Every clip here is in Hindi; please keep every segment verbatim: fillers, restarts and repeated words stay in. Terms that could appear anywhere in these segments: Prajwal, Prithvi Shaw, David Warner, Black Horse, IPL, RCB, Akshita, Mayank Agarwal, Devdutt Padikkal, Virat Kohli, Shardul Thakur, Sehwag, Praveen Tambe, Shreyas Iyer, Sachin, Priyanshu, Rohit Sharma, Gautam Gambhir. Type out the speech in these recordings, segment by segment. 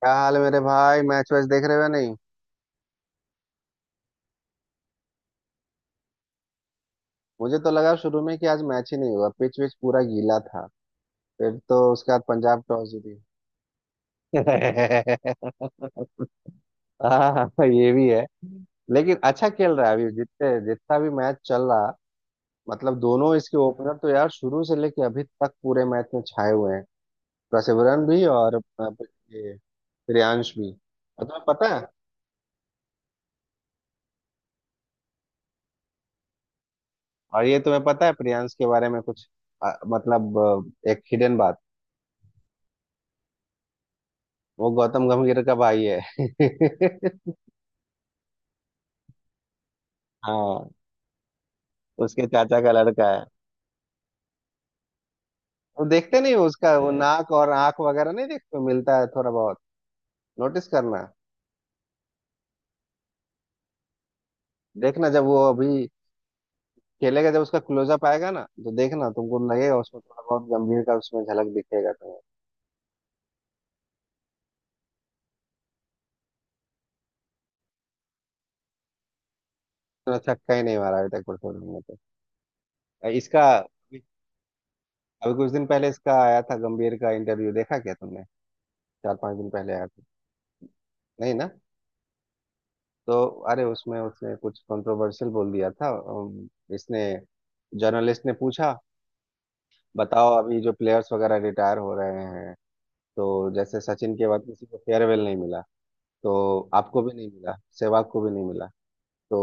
क्या हाल है मेरे भाई? मैच वैच देख रहे हो या नहीं? मुझे तो लगा शुरू में कि आज मैच ही नहीं होगा, पिच विच पूरा गीला था। फिर तो उसके बाद पंजाब टॉस जीती। हाँ, ये भी है। लेकिन अच्छा खेल रहा है अभी जितने जितना भी मैच चल रहा। मतलब दोनों इसके ओपनर तो यार शुरू से लेके अभी तक पूरे मैच में छाए हुए हैं। प्रसिवरन भी और अ, ये प्रियांश भी। और तुम्हें पता है? और ये तुम्हें पता है प्रियांश के बारे में कुछ? अ, मतलब अ, एक हिडन बात। वो गौतम गंभीर का भाई है। हाँ, उसके चाचा का लड़का है। वो देखते नहीं हो उसका? वो नाक और आंख वगैरह नहीं देखते हो, मिलता है थोड़ा बहुत। नोटिस करना। देखना जब वो अभी खेलेगा, जब उसका क्लोजअप आएगा ना, तो देखना, तुमको लगेगा उसमें थोड़ा बहुत गंभीर का, उसमें झलक दिखेगा तुम्हें। उसने छक्का ही नहीं मारा अभी तक कुछ में तो। इसका अभी कुछ दिन पहले इसका आया था गंभीर का इंटरव्यू, देखा क्या तुमने? चार पांच दिन पहले आया था। नहीं ना? तो अरे उसमें उसने कुछ कंट्रोवर्शियल बोल दिया था। अम, इसने जर्नलिस्ट ने पूछा, बताओ, अभी जो प्लेयर्स वगैरह रिटायर हो रहे हैं, तो जैसे सचिन के बाद किसी को फेयरवेल नहीं मिला, तो आपको भी नहीं मिला, सहवाग को भी नहीं मिला। तो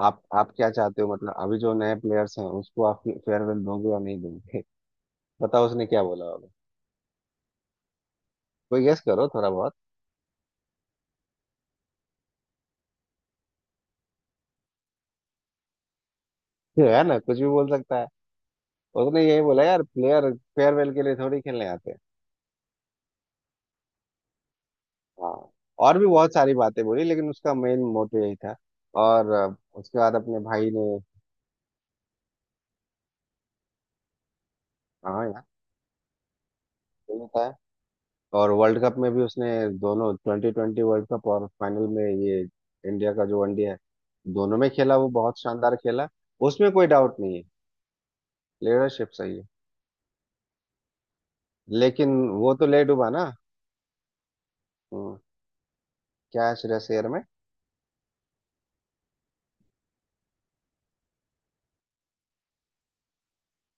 आप आप क्या चाहते हो, मतलब अभी जो नए प्लेयर्स हैं उसको आप फेयरवेल दोगे या नहीं दोगे? बताओ उसने क्या बोला होगा। कोई गेस करो थोड़ा बहुत। है ना, कुछ भी बोल सकता है। उसने यही बोला यार, प्लेयर फेयरवेल के लिए थोड़ी खेलने आते हैं। हाँ, और भी बहुत सारी बातें बोली लेकिन उसका मेन मोटिव यही था। और अ, उसके बाद अपने भाई ने। हाँ यार, सही बताया। और वर्ल्ड कप में भी उसने, दोनों ट्वेंटी ट्वेंटी वर्ल्ड कप और फाइनल में, ये इंडिया का जो वनडे है, दोनों में खेला, वो बहुत शानदार खेला। उसमें कोई डाउट नहीं है। लीडरशिप सही है। लेकिन वो तो ले डूबा ना। हम्म। क्या है श्रेयस अय्यर में?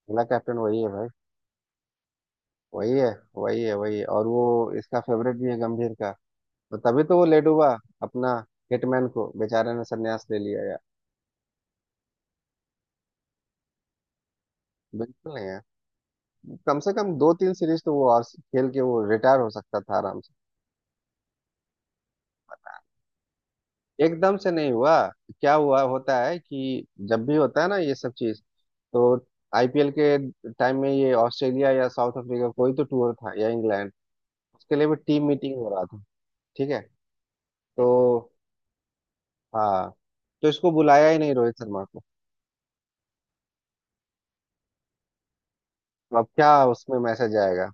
अगला कैप्टन वही है भाई। वही है, वही है। वही है। और वो इसका फेवरेट भी है गंभीर का। तो तभी तो वो लेट हुआ अपना। हिटमैन को बेचारे ने संन्यास ले लिया यार। बिल्कुल नहीं यार। कम से कम दो तीन सीरीज तो वो और खेल के वो रिटायर हो सकता था आराम से। एकदम से नहीं हुआ। क्या हुआ होता है कि जब भी होता है ना ये सब चीज, तो आईपीएल के टाइम में ये ऑस्ट्रेलिया या साउथ अफ्रीका, कोई तो टूर था, या इंग्लैंड, उसके लिए भी टीम मीटिंग हो रहा था। ठीक है। तो हाँ, तो इसको बुलाया ही नहीं रोहित शर्मा को। अब क्या उसमें मैसेज आएगा?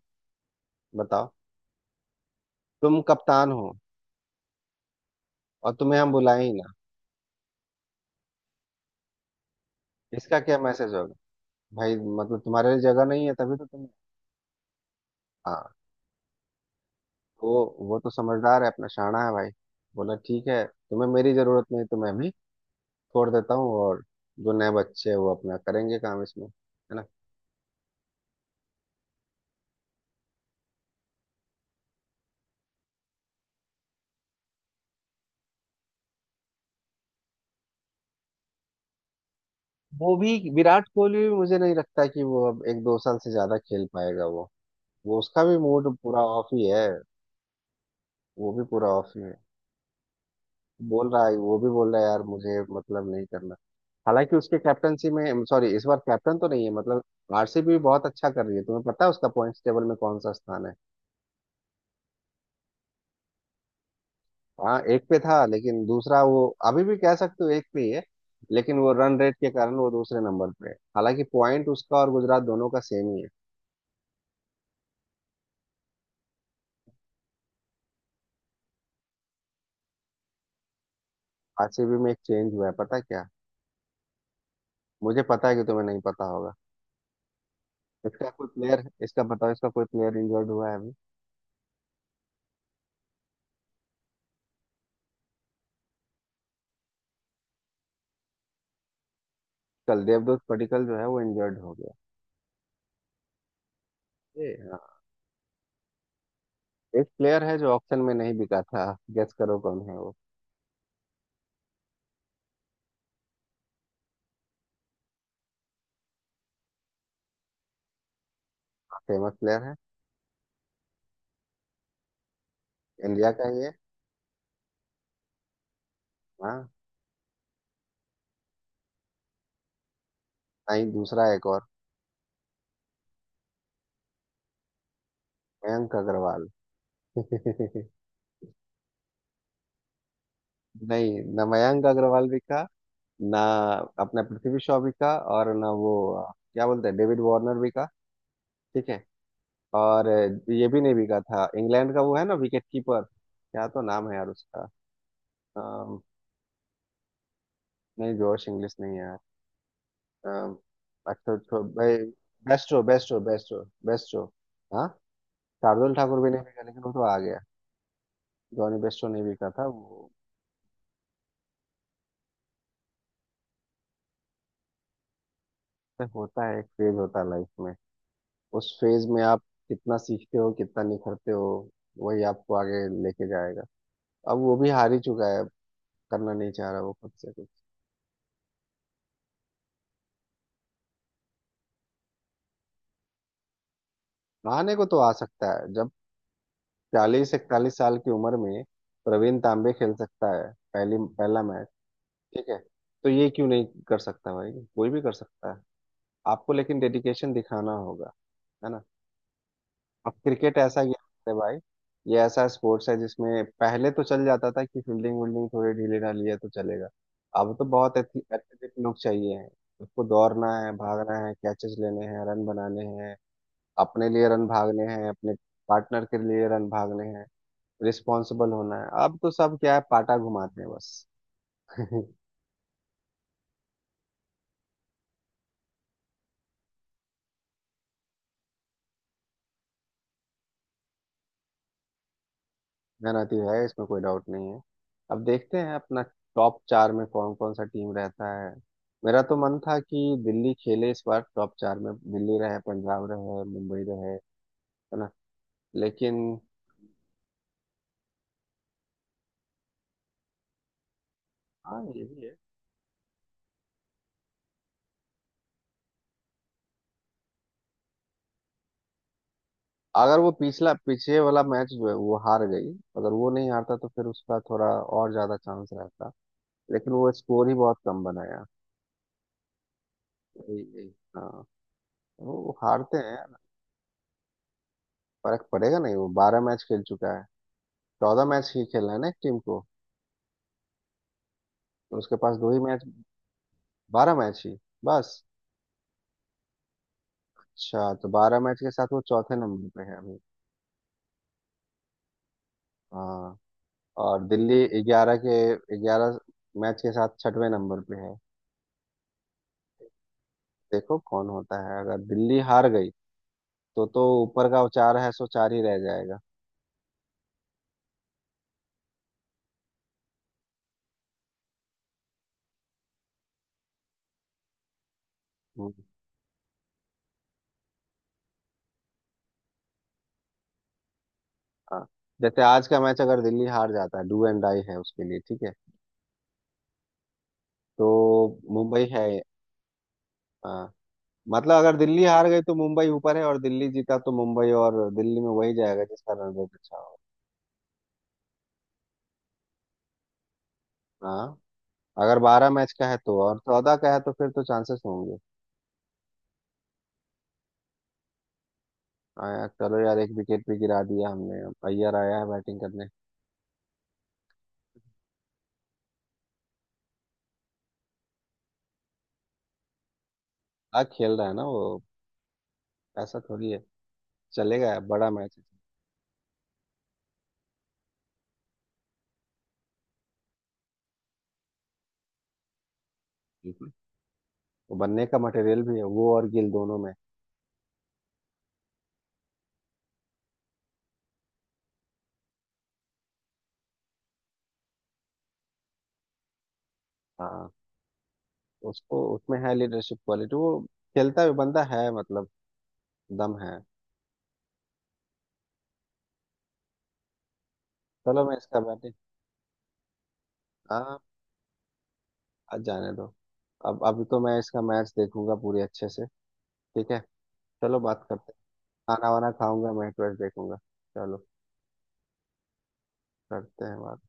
बताओ, तुम कप्तान हो और तुम्हें हम बुलाए ही ना। इसका क्या मैसेज होगा भाई? मतलब तुम्हारे लिए जगह नहीं है तभी तो तुम। हाँ। तो वो वो तो समझदार है अपना, शाना है भाई। बोला, ठीक है, तुम्हें मेरी जरूरत नहीं तो मैं भी छोड़ देता हूँ, और जो नए बच्चे हैं वो अपना करेंगे काम इसमें, है ना। वो भी, विराट कोहली भी मुझे नहीं लगता कि वो अब एक दो साल से ज्यादा खेल पाएगा वो वो उसका भी मूड पूरा ऑफ ही है। वो भी पूरा ऑफ ही है। बोल रहा है, वो भी बोल रहा है यार मुझे मतलब नहीं करना। हालांकि उसके कैप्टनसी में, सॉरी, इस बार कैप्टन तो नहीं है मतलब, आरसीबी भी बहुत अच्छा कर रही है। तुम्हें पता है उसका पॉइंट्स टेबल में कौन सा स्थान है? हाँ, एक पे था लेकिन दूसरा, वो अभी भी कह सकते हो एक पे ही है। लेकिन वो रन रेट के कारण वो दूसरे नंबर पे है, हालांकि पॉइंट उसका और गुजरात दोनों का सेम ही है। आरसीबी में एक चेंज हुआ है, पता है क्या? मुझे पता है कि तुम्हें नहीं पता होगा। इसका कोई प्लेयर इसका बताओ, इसका कोई प्लेयर इंजर्ड हुआ है अभी। कल देवदूत पडिक्कल जो है वो इंजर्ड हो गया। ये एक प्लेयर है जो ऑक्शन में नहीं बिका था, गेस करो कौन है वो। फेमस प्लेयर है, इंडिया का ही है। हाँ। नहीं, दूसरा एक और। मयंक अग्रवाल। नहीं ना, मयंक अग्रवाल बिका, ना अपना पृथ्वी शॉ बिका, और ना वो अ, क्या बोलते हैं, डेविड वार्नर बिका। ठीक है। और अ, ये भी नहीं बिका था इंग्लैंड का, वो है ना विकेट कीपर, क्या तो नाम है यार उसका? अम, नहीं जोश इंग्लिश नहीं है यार। अम, अच्छा तो भाई, बेस्टो, बेस्टो, बेस्टो। बेस्टो। शार्दुल ठाकुर भी नहीं बिका लेकिन वो तो आ गया। जॉनी बेस्टो नहीं बिका था वो। ऐसे होता है, एक फेज होता है लाइफ में। उस फेज में आप कितना सीखते हो, कितना निखरते हो, वही आपको आगे लेके जाएगा। अब वो भी हार ही चुका है अब, करना नहीं चाह रहा वो खुद से कुछ। आने को तो आ सकता है। जब चालीस इकतालीस साल की उम्र में प्रवीण तांबे खेल सकता है पहली पहला मैच, ठीक है, तो ये क्यों नहीं कर सकता भाई? कोई भी कर सकता है। आपको लेकिन डेडिकेशन दिखाना होगा, है ना। अब क्रिकेट ऐसा गेम है भाई, ये ऐसा स्पोर्ट्स है जिसमें पहले तो चल जाता था कि फील्डिंग वील्डिंग थोड़ी ढीली ढाली है तो चलेगा, अब तो बहुत एथली- एथलेटिक लोग चाहिए हैं। उसको दौड़ना है, भागना है, कैचेस लेने हैं, रन बनाने हैं। अपने लिए रन भागने हैं, अपने पार्टनर के लिए रन भागने हैं, रिस्पॉन्सिबल होना है। अब तो सब क्या है, पाटा घुमाते हैं बस। मेहनती है, इसमें कोई डाउट नहीं है। अब देखते हैं अपना टॉप चार में कौन कौन सा टीम रहता है। मेरा तो मन था कि दिल्ली खेले इस बार, टॉप चार में दिल्ली रहे, पंजाब रहे, मुंबई रहे, है ना। लेकिन हाँ, ये भी है। अगर वो पिछला, पीछे वाला मैच जो है वो हार गई, अगर वो नहीं हारता तो फिर उसका थोड़ा और ज्यादा चांस रहता। लेकिन वो स्कोर ही बहुत कम बनाया। यही यही। हाँ, वो वो हारते हैं। फर्क पड़ेगा, नहीं, वो बारह मैच खेल चुका है। चौदह मैच ही खेलना है ना एक टीम को, तो उसके पास दो ही मैच। बारह मैच ही बस। अच्छा, तो बारह मैच के साथ वो चौथे नंबर पे है अभी। हाँ। और दिल्ली ग्यारह के ग्यारह मैच के साथ छठवें नंबर पे है। देखो कौन होता है। अगर दिल्ली हार गई तो तो ऊपर का वो चार है, सो चार ही रह जाएगा। हम्म। हाँ। जैसे आज का मैच अगर दिल्ली हार जाता है, डू एंड डाई है उसके लिए, ठीक है। तो मुंबई है। हाँ, मतलब अगर दिल्ली हार गई तो मुंबई ऊपर है, और दिल्ली जीता तो मुंबई और दिल्ली में वही जाएगा जिसका रन रेट अच्छा हो। हाँ, अगर बारह मैच का है तो, और चौदह का है तो फिर तो चांसेस होंगे। आया। चलो यार, एक विकेट भी गिरा दिया हमने, अब अय्यर आया है बैटिंग करने। आ, खेल रहा है ना वो। ऐसा थोड़ी है, चलेगा, बड़ा मैच है। बिल्कुल। वो बनने का मटेरियल भी है वो और गिल दोनों में। हाँ, उसको उसमें है लीडरशिप क्वालिटी वो, खेलता भी बंदा है मतलब, दम है। चलो मैं इसका बैटिंग। हाँ, आज जाने दो। अब अभी तो मैं इसका मैच देखूंगा पूरी अच्छे से। ठीक है, चलो बात करते हैं। खाना वाना खाऊंगा, मैच वैच देखूंगा। चलो करते हैं बात।